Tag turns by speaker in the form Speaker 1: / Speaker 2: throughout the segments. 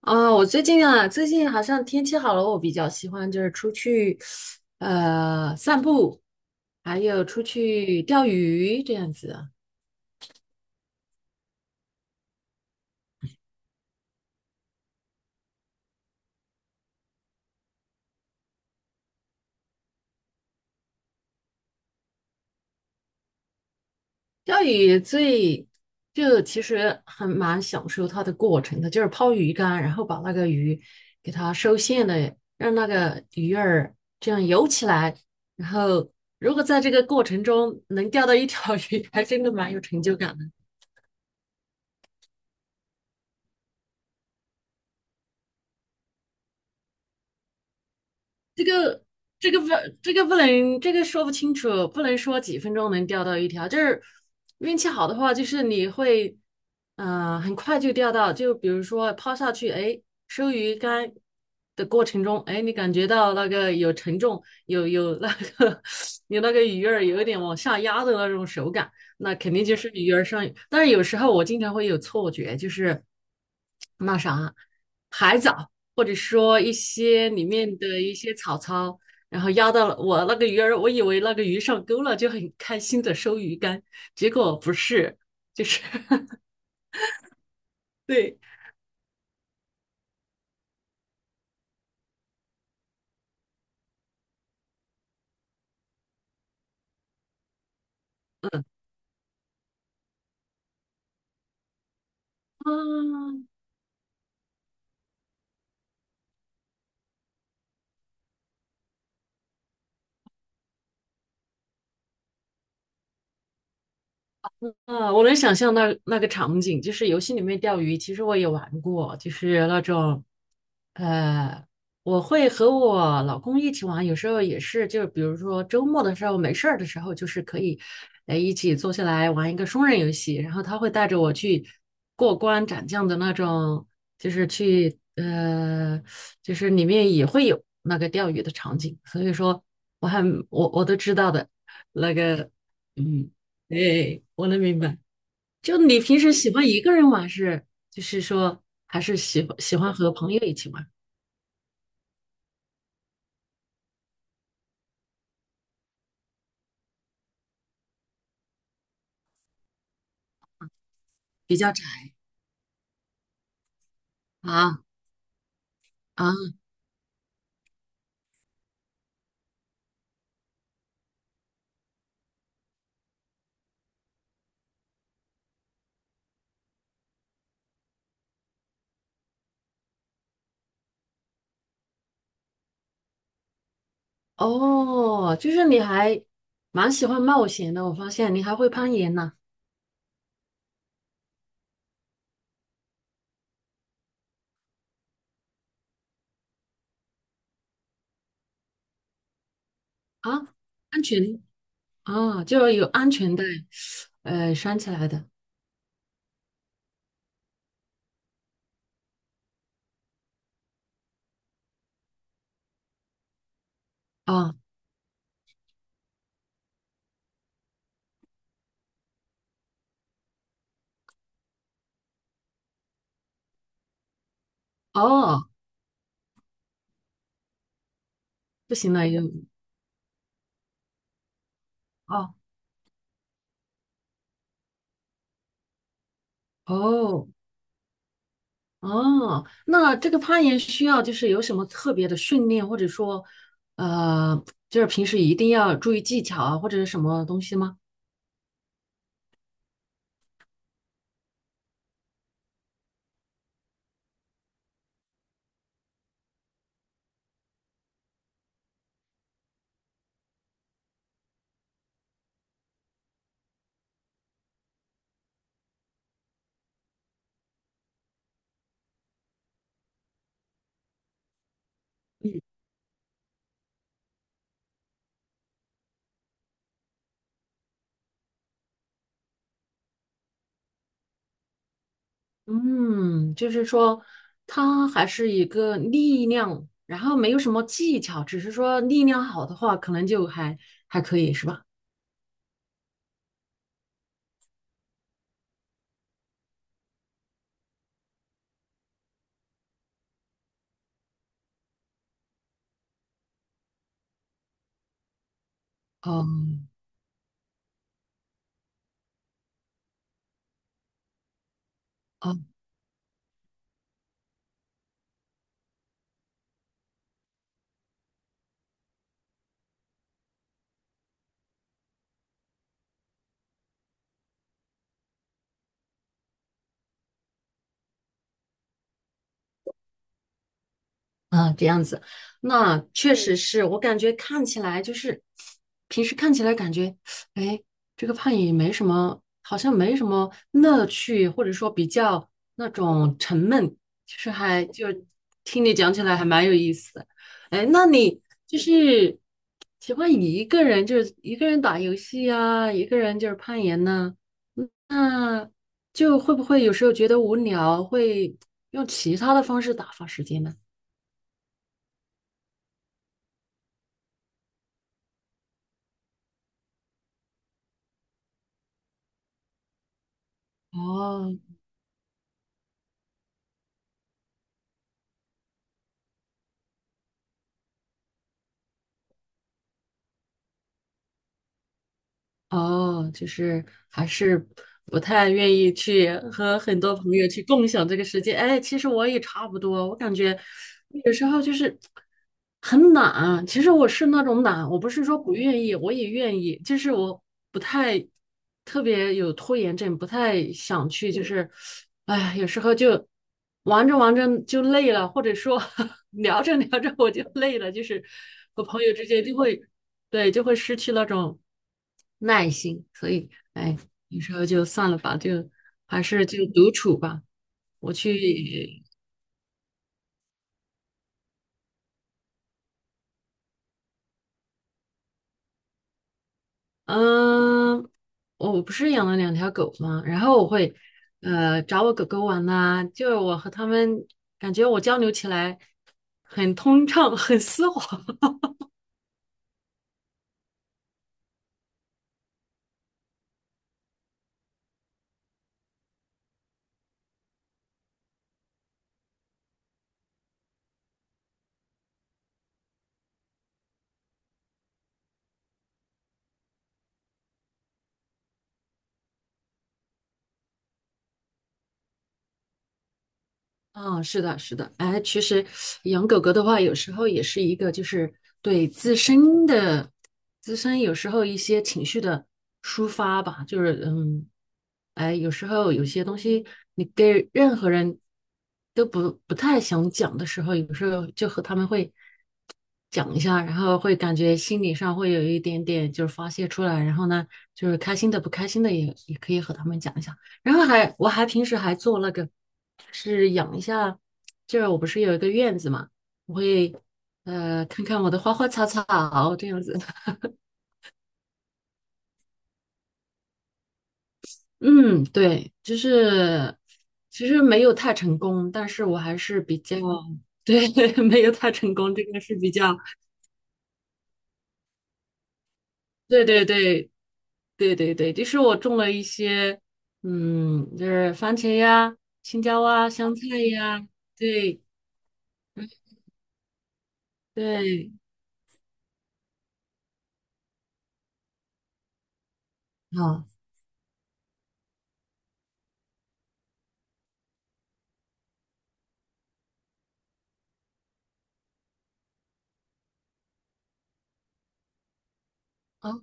Speaker 1: 啊，我最近啊，最近好像天气好了，我比较喜欢就是出去，散步，还有出去钓鱼这样子。钓鱼最就其实很蛮享受它的过程的，就是抛鱼竿，然后把那个鱼给它收线的，让那个鱼儿这样游起来。然后如果在这个过程中能钓到一条鱼，还真的蛮有成就感。这个这个不这个不能说不清楚，不能说几分钟能钓到一条，就是运气好的话，就是你会很快就钓到，就比如说抛下去，哎，收鱼竿的过程中，哎，你感觉到那个有沉重，有那个 有那个鱼儿有一点往下压的那种手感，那肯定就是鱼儿上。但是有时候我经常会有错觉，就是那啥海藻。或者说一些里面的一些草草，然后压到了我那个鱼儿，我以为那个鱼上钩了，就很开心的收鱼竿，结果不是，就是 对啊。啊，我能想象那个场景，就是游戏里面钓鱼，其实我也玩过，就是那种呃，我会和我老公一起玩，有时候也是，就是比如说周末的时候没事儿的时候，就是可以，呃，一起坐下来玩一个双人游戏，然后他会带着我去过关斩将的那种，就是去，呃，就是里面也会有那个钓鱼的场景，所以说我还我都知道的，那个，嗯，对，我能明白。就你平时喜欢一个人玩是，就是说还是喜欢和朋友一起玩？比较窄啊。啊，哦，就是你还蛮喜欢冒险的，我发现你还会攀岩呢。啊，安全啊，就是有安全带，呃，拴起来的。啊，哦，不行了，又，哦。哦，哦，那这个攀岩需要就是有什么特别的训练，或者说，呃，就是平时一定要注意技巧啊，或者是什么东西吗？嗯，就是说，它还是一个力量，然后没有什么技巧，只是说力量好的话，可能就还可以，是吧？哦。哦。啊，这样子，那确实是我感觉看起来就是，平时看起来感觉，哎，这个攀岩没什么，好像没什么乐趣，或者说比较那种沉闷，就是还就听你讲起来还蛮有意思的。哎，那你就是喜欢一个人，就是一个人打游戏呀、一个人就是攀岩呢、那就会不会有时候觉得无聊，会用其他的方式打发时间呢？哦。哦，就是还是不太愿意去和很多朋友去共享这个时间。哎，其实我也差不多，我感觉有时候就是很懒。其实我是那种懒，我不是说不愿意，我也愿意，就是我不太特别有拖延症，不太想去，就是，哎，有时候就玩着玩着就累了，或者说 聊着聊着我就累了，就是和朋友之间就会。对，就会失去那种耐心，所以哎，有时候就算了吧，就还是就独处吧。我去，嗯、我不是养了两条狗吗？然后我会找我狗狗玩呐、就是我和它们感觉我交流起来很通畅，很丝滑。嗯，是的，是的，哎，其实养狗狗的话，有时候也是一个，就是对自身的自身有时候一些情绪的抒发吧，就是嗯，哎，有时候有些东西你跟任何人都不太想讲的时候，有时候就和他们会讲一下，然后会感觉心理上会有一点点就是发泄出来，然后呢，就是开心的不开心的也可以和他们讲一下。然后我平时还做那个，就是养一下，就是我不是有一个院子嘛，我会看看我的花花草草这样子。嗯，对，就是其实没有太成功，但是我还是比较 对，没有太成功，这个是比较对。对对对对对，就是我种了一些嗯，就是番茄呀、青椒啊、香菜呀，对对，好，好，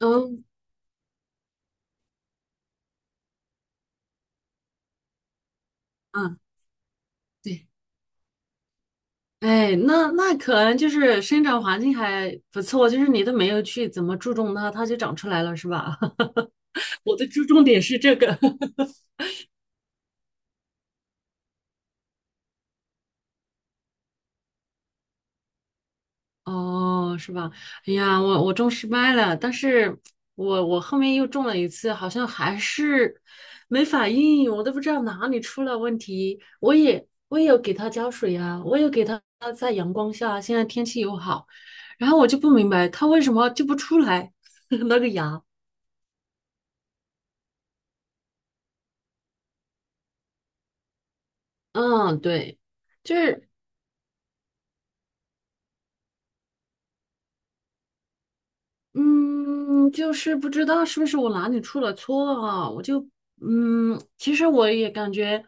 Speaker 1: 嗯嗯。对，哎，那那可能就是生长环境还不错，就是你都没有去怎么注重它，它就长出来了，是吧？我的注重点是这个，哦，是吧？哎呀，我种失败了，但是我后面又种了一次，好像还是没反应，我都不知道哪里出了问题。我也有给它浇水呀，我有给它在阳光下，现在天气又好，然后我就不明白它为什么就不出来 那个芽。嗯，对，就是，嗯，就是不知道是不是我哪里出了错啊？我就，嗯，其实我也感觉，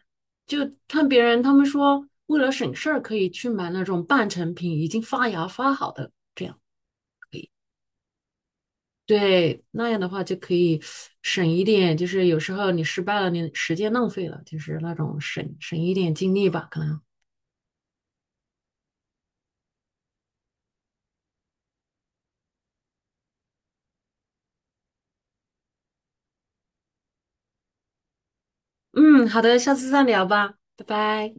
Speaker 1: 就看别人他们说，为了省事儿，可以去买那种半成品，已经发芽发好的，这样，对，那样的话就可以省一点，就是有时候你失败了，你时间浪费了，就是那种省一点精力吧，可能。嗯，好的，下次再聊吧，拜拜。